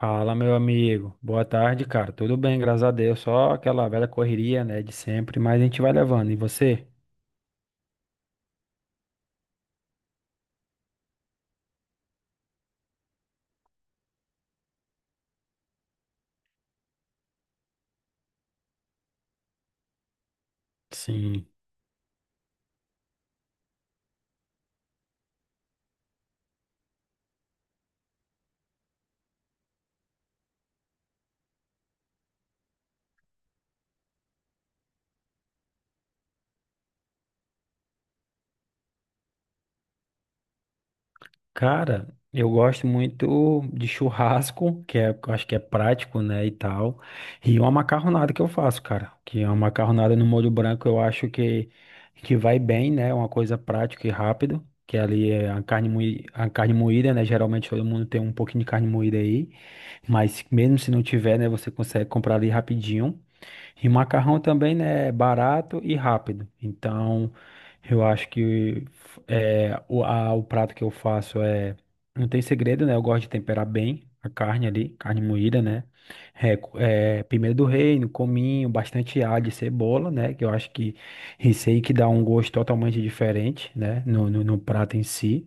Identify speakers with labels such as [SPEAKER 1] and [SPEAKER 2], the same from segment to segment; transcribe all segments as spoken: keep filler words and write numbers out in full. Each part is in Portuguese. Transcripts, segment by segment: [SPEAKER 1] Fala, meu amigo. Boa tarde, cara. Tudo bem, graças a Deus. Só aquela velha correria, né, de sempre, mas a gente vai levando. E você? Sim. Cara, eu gosto muito de churrasco, que é, eu acho que é prático, né, e tal. E uma macarronada que eu faço, cara, que é uma macarronada no molho branco, eu acho que que vai bem, né? Uma coisa prática e rápido, que ali é a carne moída, a carne moída, né? Geralmente todo mundo tem um pouquinho de carne moída aí, mas mesmo se não tiver, né, você consegue comprar ali rapidinho. E macarrão também, né, é barato e rápido. Então, eu acho que é, o, a- o prato que eu faço é. Não tem segredo, né? Eu gosto de temperar bem a carne ali, carne moída, né? É, co- é, pimenta do reino, cominho, bastante alho e cebola, né? Que eu acho que isso aí que dá um gosto totalmente diferente, né? No, no, no prato em si.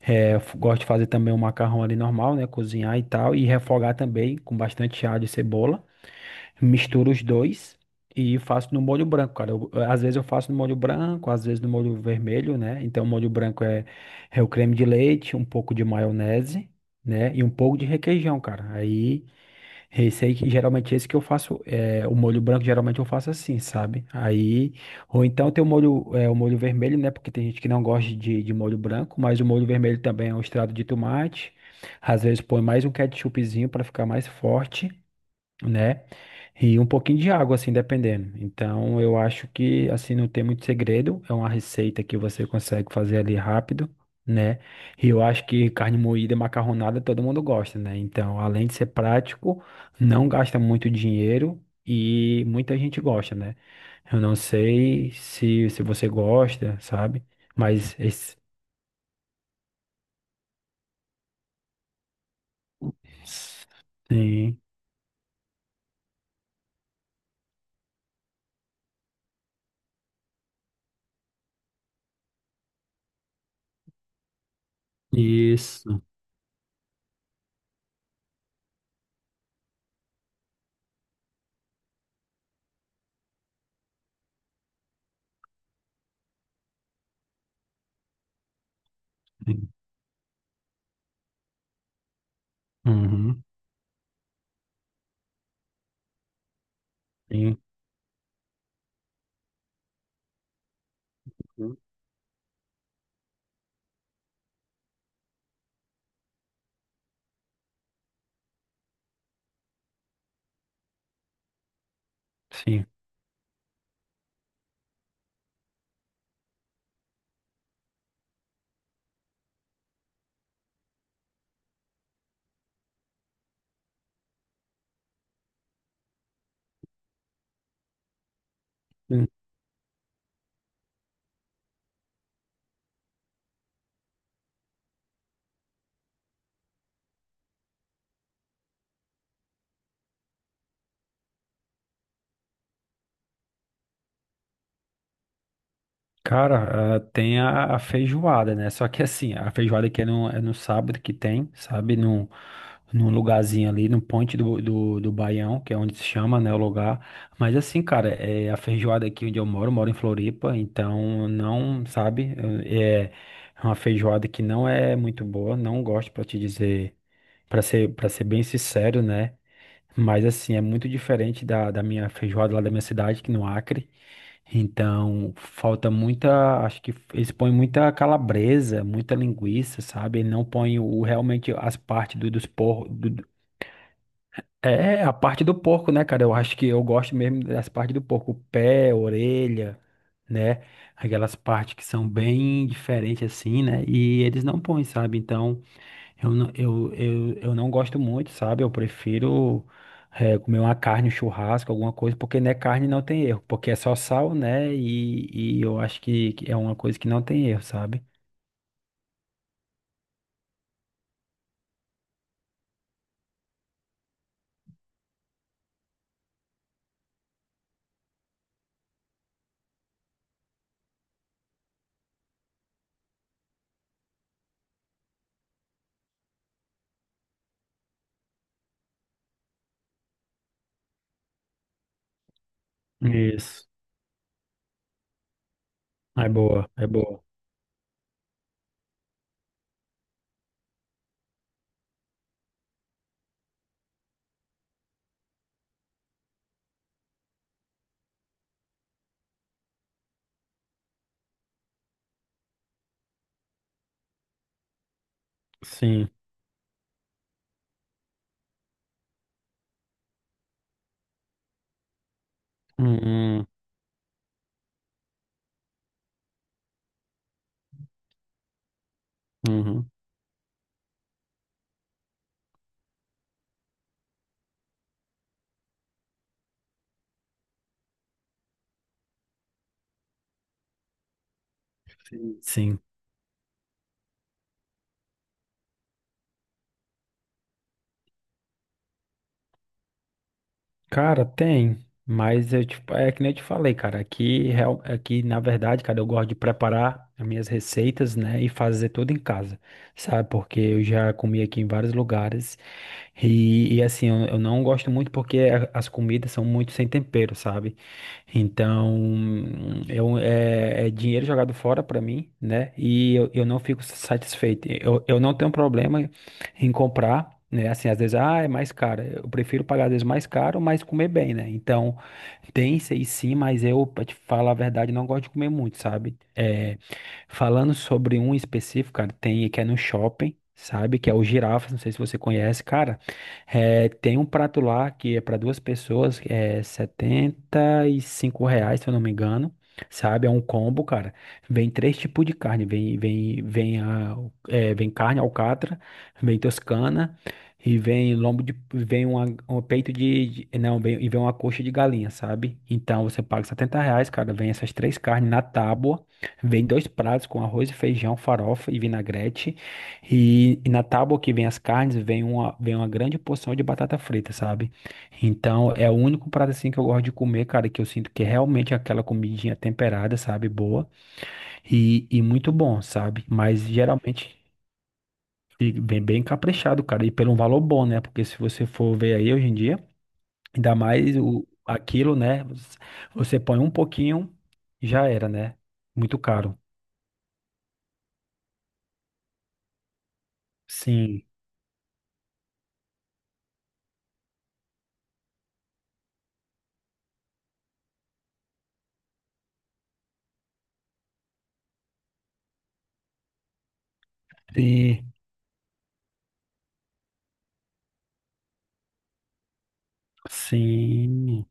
[SPEAKER 1] É, eu f- gosto de fazer também o macarrão ali normal, né? Cozinhar e tal. E refogar também com bastante alho e cebola. Misturo os dois e faço no molho branco, cara. Eu- às vezes eu faço no molho branco, às vezes no molho vermelho, né? Então, o molho branco é, é o creme de leite, um pouco de maionese, né? E um pouco de requeijão, cara. Aí, esse aí, que geralmente esse que eu faço, é, o molho branco, geralmente eu faço assim, sabe? Aí, ou então tem o molho, é, o molho vermelho, né? Porque tem gente que não gosta de, de molho branco, mas o molho vermelho também é um extrato de tomate. Às vezes põe mais um ketchupzinho para ficar mais forte, né? E um pouquinho de água, assim, dependendo. Então, eu acho que, assim, não tem muito segredo. É uma receita que você consegue fazer ali rápido, né? E eu acho que carne moída e macarronada, todo mundo gosta, né? Então, além de ser prático, não gasta muito dinheiro e muita gente gosta, né? Eu não sei se, se você gosta, sabe? Mas, esse- sim. Isso. Sim. uhum. Sim. Sim. Cara, ah, tem a, a feijoada, né? Só que assim, a feijoada que é no, é no sábado que tem, sabe? Num, num lugarzinho ali, no Ponte do, do, do Baião, que é onde se chama, né, o lugar. Mas assim, cara, é a feijoada aqui onde eu moro, moro em Floripa, então não, sabe? É é uma feijoada que não é muito boa, não gosto pra te dizer, pra ser, para ser bem sincero, né? Mas assim, é muito diferente da, da minha feijoada lá da minha cidade, que é no Acre. Então, falta muita, acho que eles põem muita calabresa, muita linguiça, sabe? Ele não põe o, realmente as partes do, dos porcos. É, a parte do porco, né, cara? Eu acho que eu gosto mesmo das partes do porco, o pé, a orelha, né? Aquelas partes que são bem diferentes assim, né? E eles não põem, sabe? Então, eu, não- eu, eu, eu não gosto muito, sabe? Eu prefiro eh, comer uma carne, um churrasco, alguma coisa, porque né, carne não tem erro, porque é só sal, né? E, e eu acho que que é uma coisa que não tem erro, sabe? Isso. É boa, é boa. Sim. Uhum, uhum. Sim. Sim. Cara, tem, mas eu, tipo, é que nem eu te falei, cara, aqui, real- aqui na verdade, cara, eu gosto de preparar as minhas receitas, né, e fazer tudo em casa, sabe? Porque eu já comi aqui em vários lugares e, e, assim, eu, eu não gosto muito porque a- as comidas são muito sem tempero, sabe? Então, eu, é, é dinheiro jogado fora pra mim, né? E eu, eu não fico satisfeito. Eu, eu não tenho problema em comprar, né? Assim, às vezes, ah, é mais caro. Eu prefiro pagar, às vezes, mais caro, mas comer bem, né? Então, tem isso aí sim, mas eu, pra te falar a verdade, não gosto de comer muito, sabe? É, Falando sobre um específico, cara, tem que é no shopping, sabe? Que é o girafas, não sei se você conhece, cara. É, tem um prato lá que é para duas pessoas, é R$ setenta e cinco reais, se eu não me engano. Sabe, é um combo, cara. Vem três tipos de carne. Vem, vem, vem, a, é, vem carne alcatra, vem toscana e vem lombo de, vem uma, um peito de, de- não, vem, e vem uma coxa de galinha, sabe? Então você paga setenta reais, cara. Vem essas três carnes na tábua. Vem dois pratos com arroz e feijão, farofa e vinagrete. E, e na tábua que vem as carnes, vem uma, vem uma grande porção de batata frita, sabe? Então, é o único prato assim que eu gosto de comer, cara, que eu sinto que é realmente aquela comidinha temperada, sabe? Boa e, e muito bom, sabe? Mas geralmente e vem bem caprichado, cara, e pelo um valor bom, né? Porque se você for ver aí hoje em dia, ainda mais o, aquilo, né? Você põe um pouquinho, já era, né? Muito caro. Sim. Sim. Sim,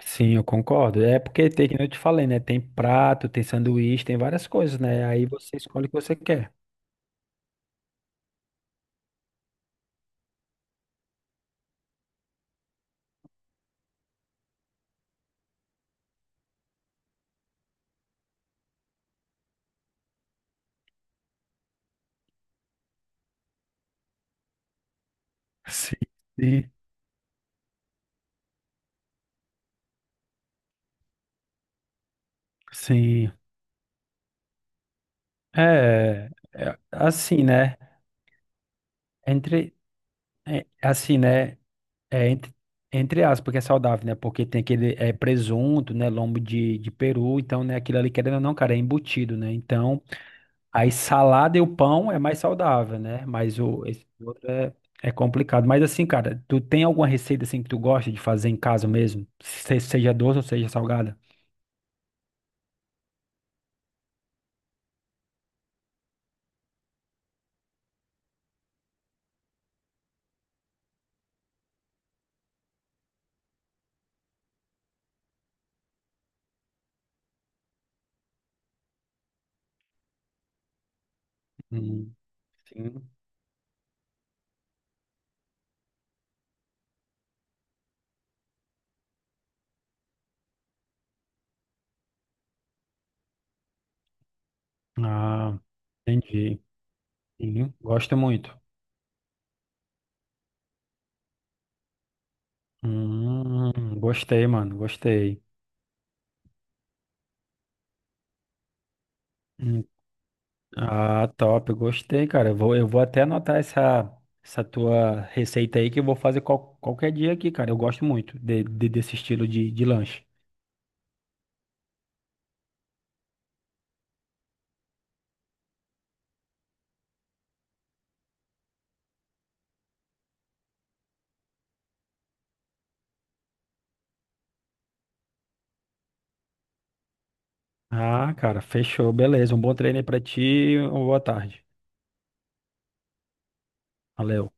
[SPEAKER 1] sim, eu concordo. É porque tem, como eu te falei, né? Tem prato, tem sanduíche, tem várias coisas, né? Aí você escolhe o que você quer. Sim, sim. Sim. É, é assim, né? Entre, é, assim, né? É, entre, entre aspas, porque é saudável, né? Porque tem aquele é, presunto, né? Lombo de, de peru, então, né? Aquilo ali, querendo ou não, cara, é embutido, né? Então, aí salada e o pão é mais saudável, né? Mas o esse outro é, é complicado. Mas assim, cara, tu tem alguma receita assim que tu gosta de fazer em casa mesmo? Se- seja doce ou seja salgada? Hum, sim. Ah, entendi. Sim, gosto muito. Hum, gostei, mano, gostei. Hum, Ah, top, gostei, cara. Eu vou, eu vou até anotar essa, essa tua receita aí que eu vou fazer qual- qualquer dia aqui, cara. Eu gosto muito de- de- desse estilo de, de lanche. Ah, cara, fechou. Beleza. Um bom treino aí pra ti. Uma boa tarde. Valeu.